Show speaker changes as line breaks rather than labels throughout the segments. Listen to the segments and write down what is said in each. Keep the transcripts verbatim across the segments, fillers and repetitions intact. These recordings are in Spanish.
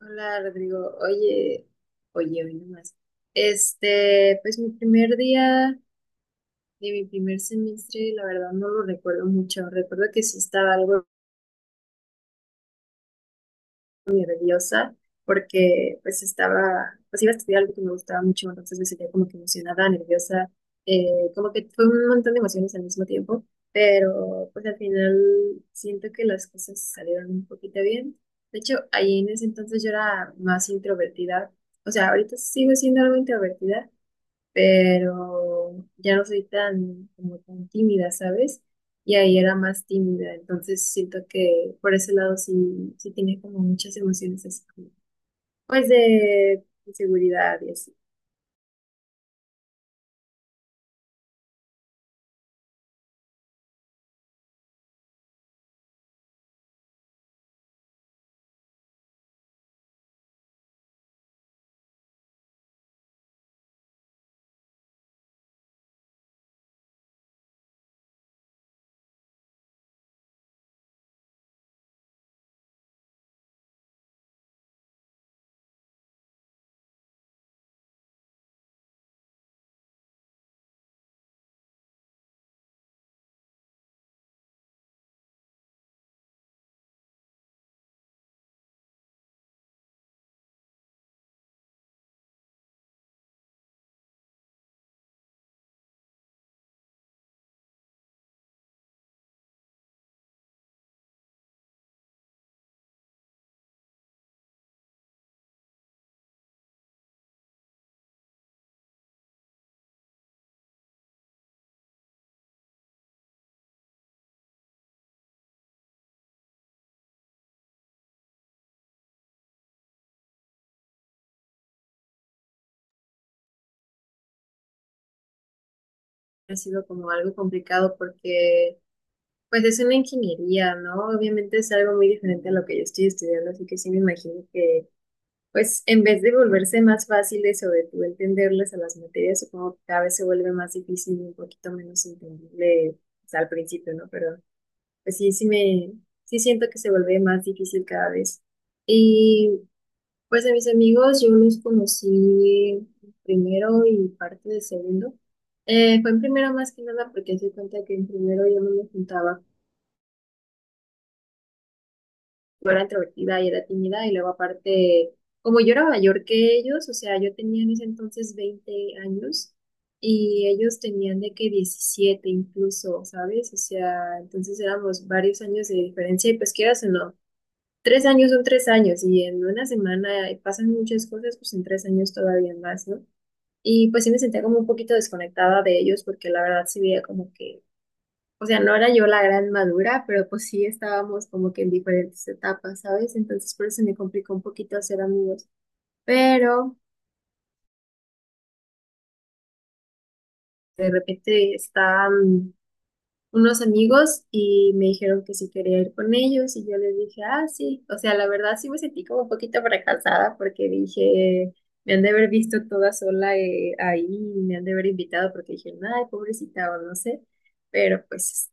Hola Rodrigo, oye, oye, hoy nomás. Este, pues mi primer día de mi primer semestre, la verdad no lo recuerdo mucho. Recuerdo que sí estaba algo muy nerviosa porque pues estaba, pues iba a estudiar algo que me gustaba mucho, entonces me sentía como que emocionada, nerviosa, eh, como que fue un montón de emociones al mismo tiempo, pero pues al final siento que las cosas salieron un poquito bien. De hecho, ahí en ese entonces yo era más introvertida, o sea, ahorita sigo siendo algo introvertida, pero ya no soy tan, como tan tímida, ¿sabes? Y ahí era más tímida, entonces siento que por ese lado sí, sí tenía como muchas emociones así como, pues de inseguridad y así. Ha sido como algo complicado porque pues es una ingeniería, ¿no? Obviamente es algo muy diferente a lo que yo estoy estudiando, así que sí me imagino que pues en vez de volverse más fáciles o de tú entenderles a las materias, supongo que cada vez se vuelve más difícil y un poquito menos entendible pues, al principio, ¿no? Pero pues sí, sí me, sí siento que se vuelve más difícil cada vez. Y pues a mis amigos yo los conocí primero y parte de segundo. Eh, fue en primero más que nada porque se cuenta que en primero yo no me juntaba, yo era introvertida y era tímida y luego aparte, como yo era mayor que ellos, o sea, yo tenía en ese entonces veinte años y ellos tenían de que diecisiete incluso, ¿sabes? O sea, entonces éramos varios años de diferencia y pues quieras o no, tres años son tres años y en una semana pasan muchas cosas, pues en tres años todavía más, ¿no? Y pues sí me sentía como un poquito desconectada de ellos porque la verdad sí veía como que, o sea, no era yo la gran madura, pero pues sí estábamos como que en diferentes etapas, ¿sabes? Entonces por eso me complicó un poquito hacer amigos. Pero de repente estaban unos amigos y me dijeron que si quería ir con ellos y yo les dije, ah, sí. O sea, la verdad sí me sentí como un poquito fracasada porque dije, me han de haber visto toda sola eh, ahí, y me han de haber invitado porque dije, ay, pobrecita, o no sé. Pero pues,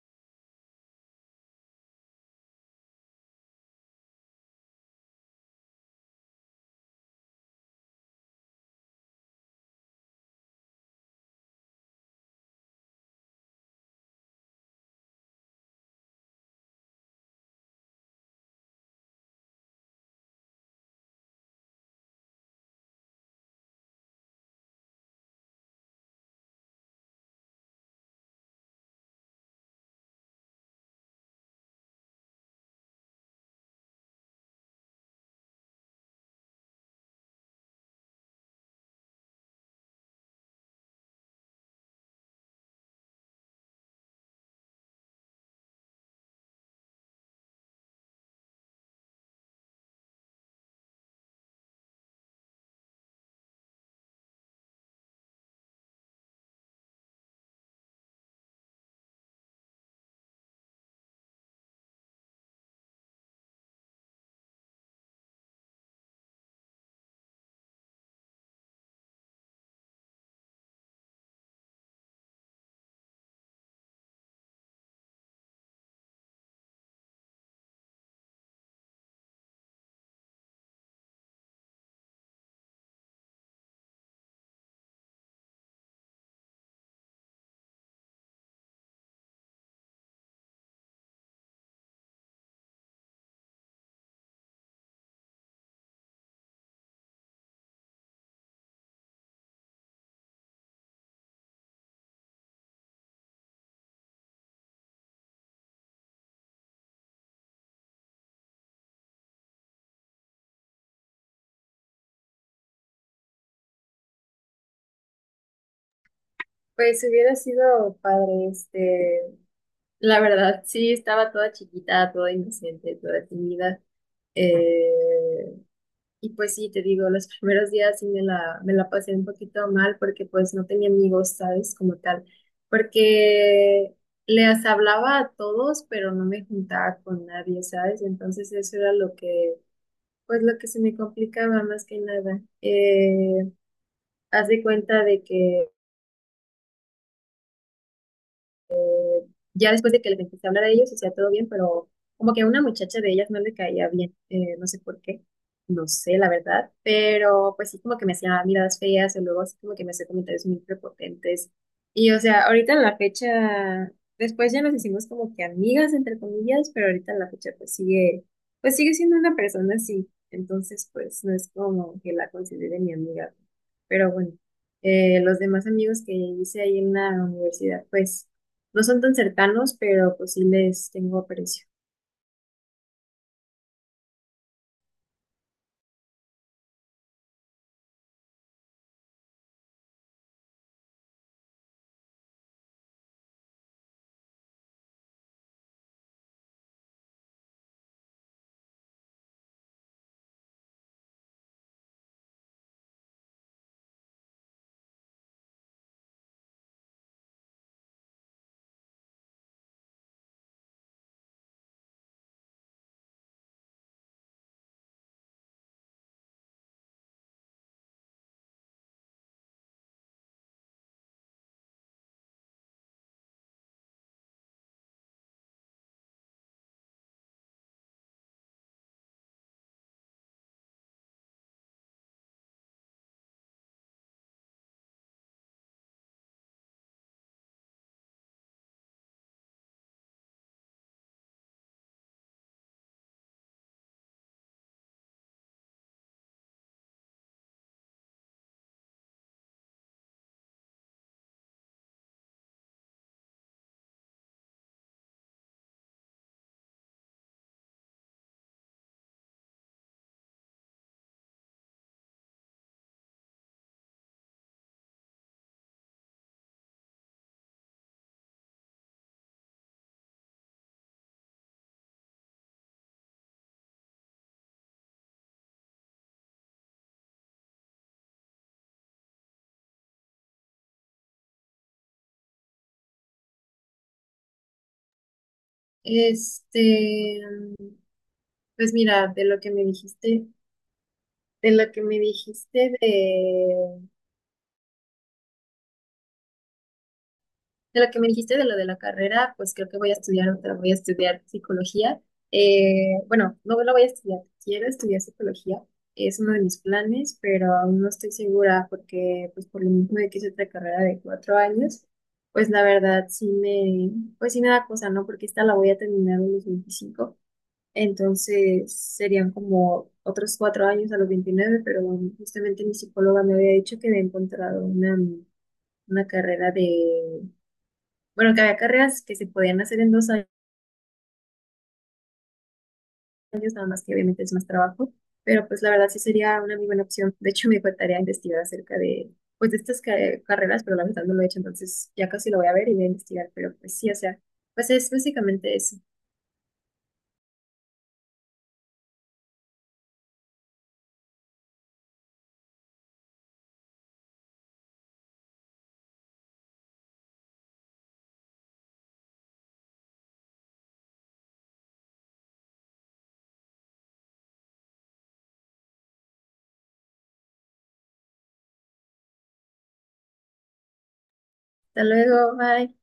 pues hubiera sido padre, este. La verdad, sí, estaba toda chiquita, toda inocente, toda tímida. Eh, y pues sí, te digo, los primeros días sí me la, me la pasé un poquito mal porque pues no tenía amigos, ¿sabes? Como tal. Porque les hablaba a todos, pero no me juntaba con nadie, ¿sabes? Entonces eso era lo que, pues lo que se me complicaba más que nada. Eh, haz de cuenta de que ya después de que les empecé a hablar a ellos, hacía todo bien, pero como que a una muchacha de ellas no le caía bien, eh, no sé por qué, no sé la verdad, pero pues sí como que me hacía miradas feas o luego así como que me hacía comentarios muy prepotentes. Y o sea, ahorita en la fecha, después ya nos hicimos como que amigas, entre comillas, pero ahorita en la fecha pues sigue, pues sigue siendo una persona así, entonces pues no es como que la considere mi amiga, pero bueno, eh, los demás amigos que hice ahí en la universidad, pues... no son tan cercanos, pero pues sí les tengo aprecio. Este, pues mira, de lo que me dijiste, de lo que me dijiste de, de lo que me dijiste de lo de la carrera, pues creo que voy a estudiar otra, voy a estudiar psicología. Eh, bueno, no lo voy a estudiar, quiero estudiar psicología, es uno de mis planes, pero aún no estoy segura porque pues por lo mismo de que es otra carrera de cuatro años, pues la verdad sí me, pues sí me da cosa, ¿no? Porque esta la voy a terminar en los veinticinco. Entonces serían como otros cuatro años, a los veintinueve, pero bueno, justamente mi psicóloga me había dicho que había encontrado una, una carrera de, bueno, que había carreras que se podían hacer en dos años, nada más que obviamente es más trabajo, pero pues la verdad sí sería una muy buena opción. De hecho, me faltaría investigar acerca de, pues de estas ca- carreras, pero la verdad no lo he hecho, entonces ya casi lo voy a ver y voy a investigar, pero pues sí, o sea, pues es básicamente eso. Hasta luego, bye.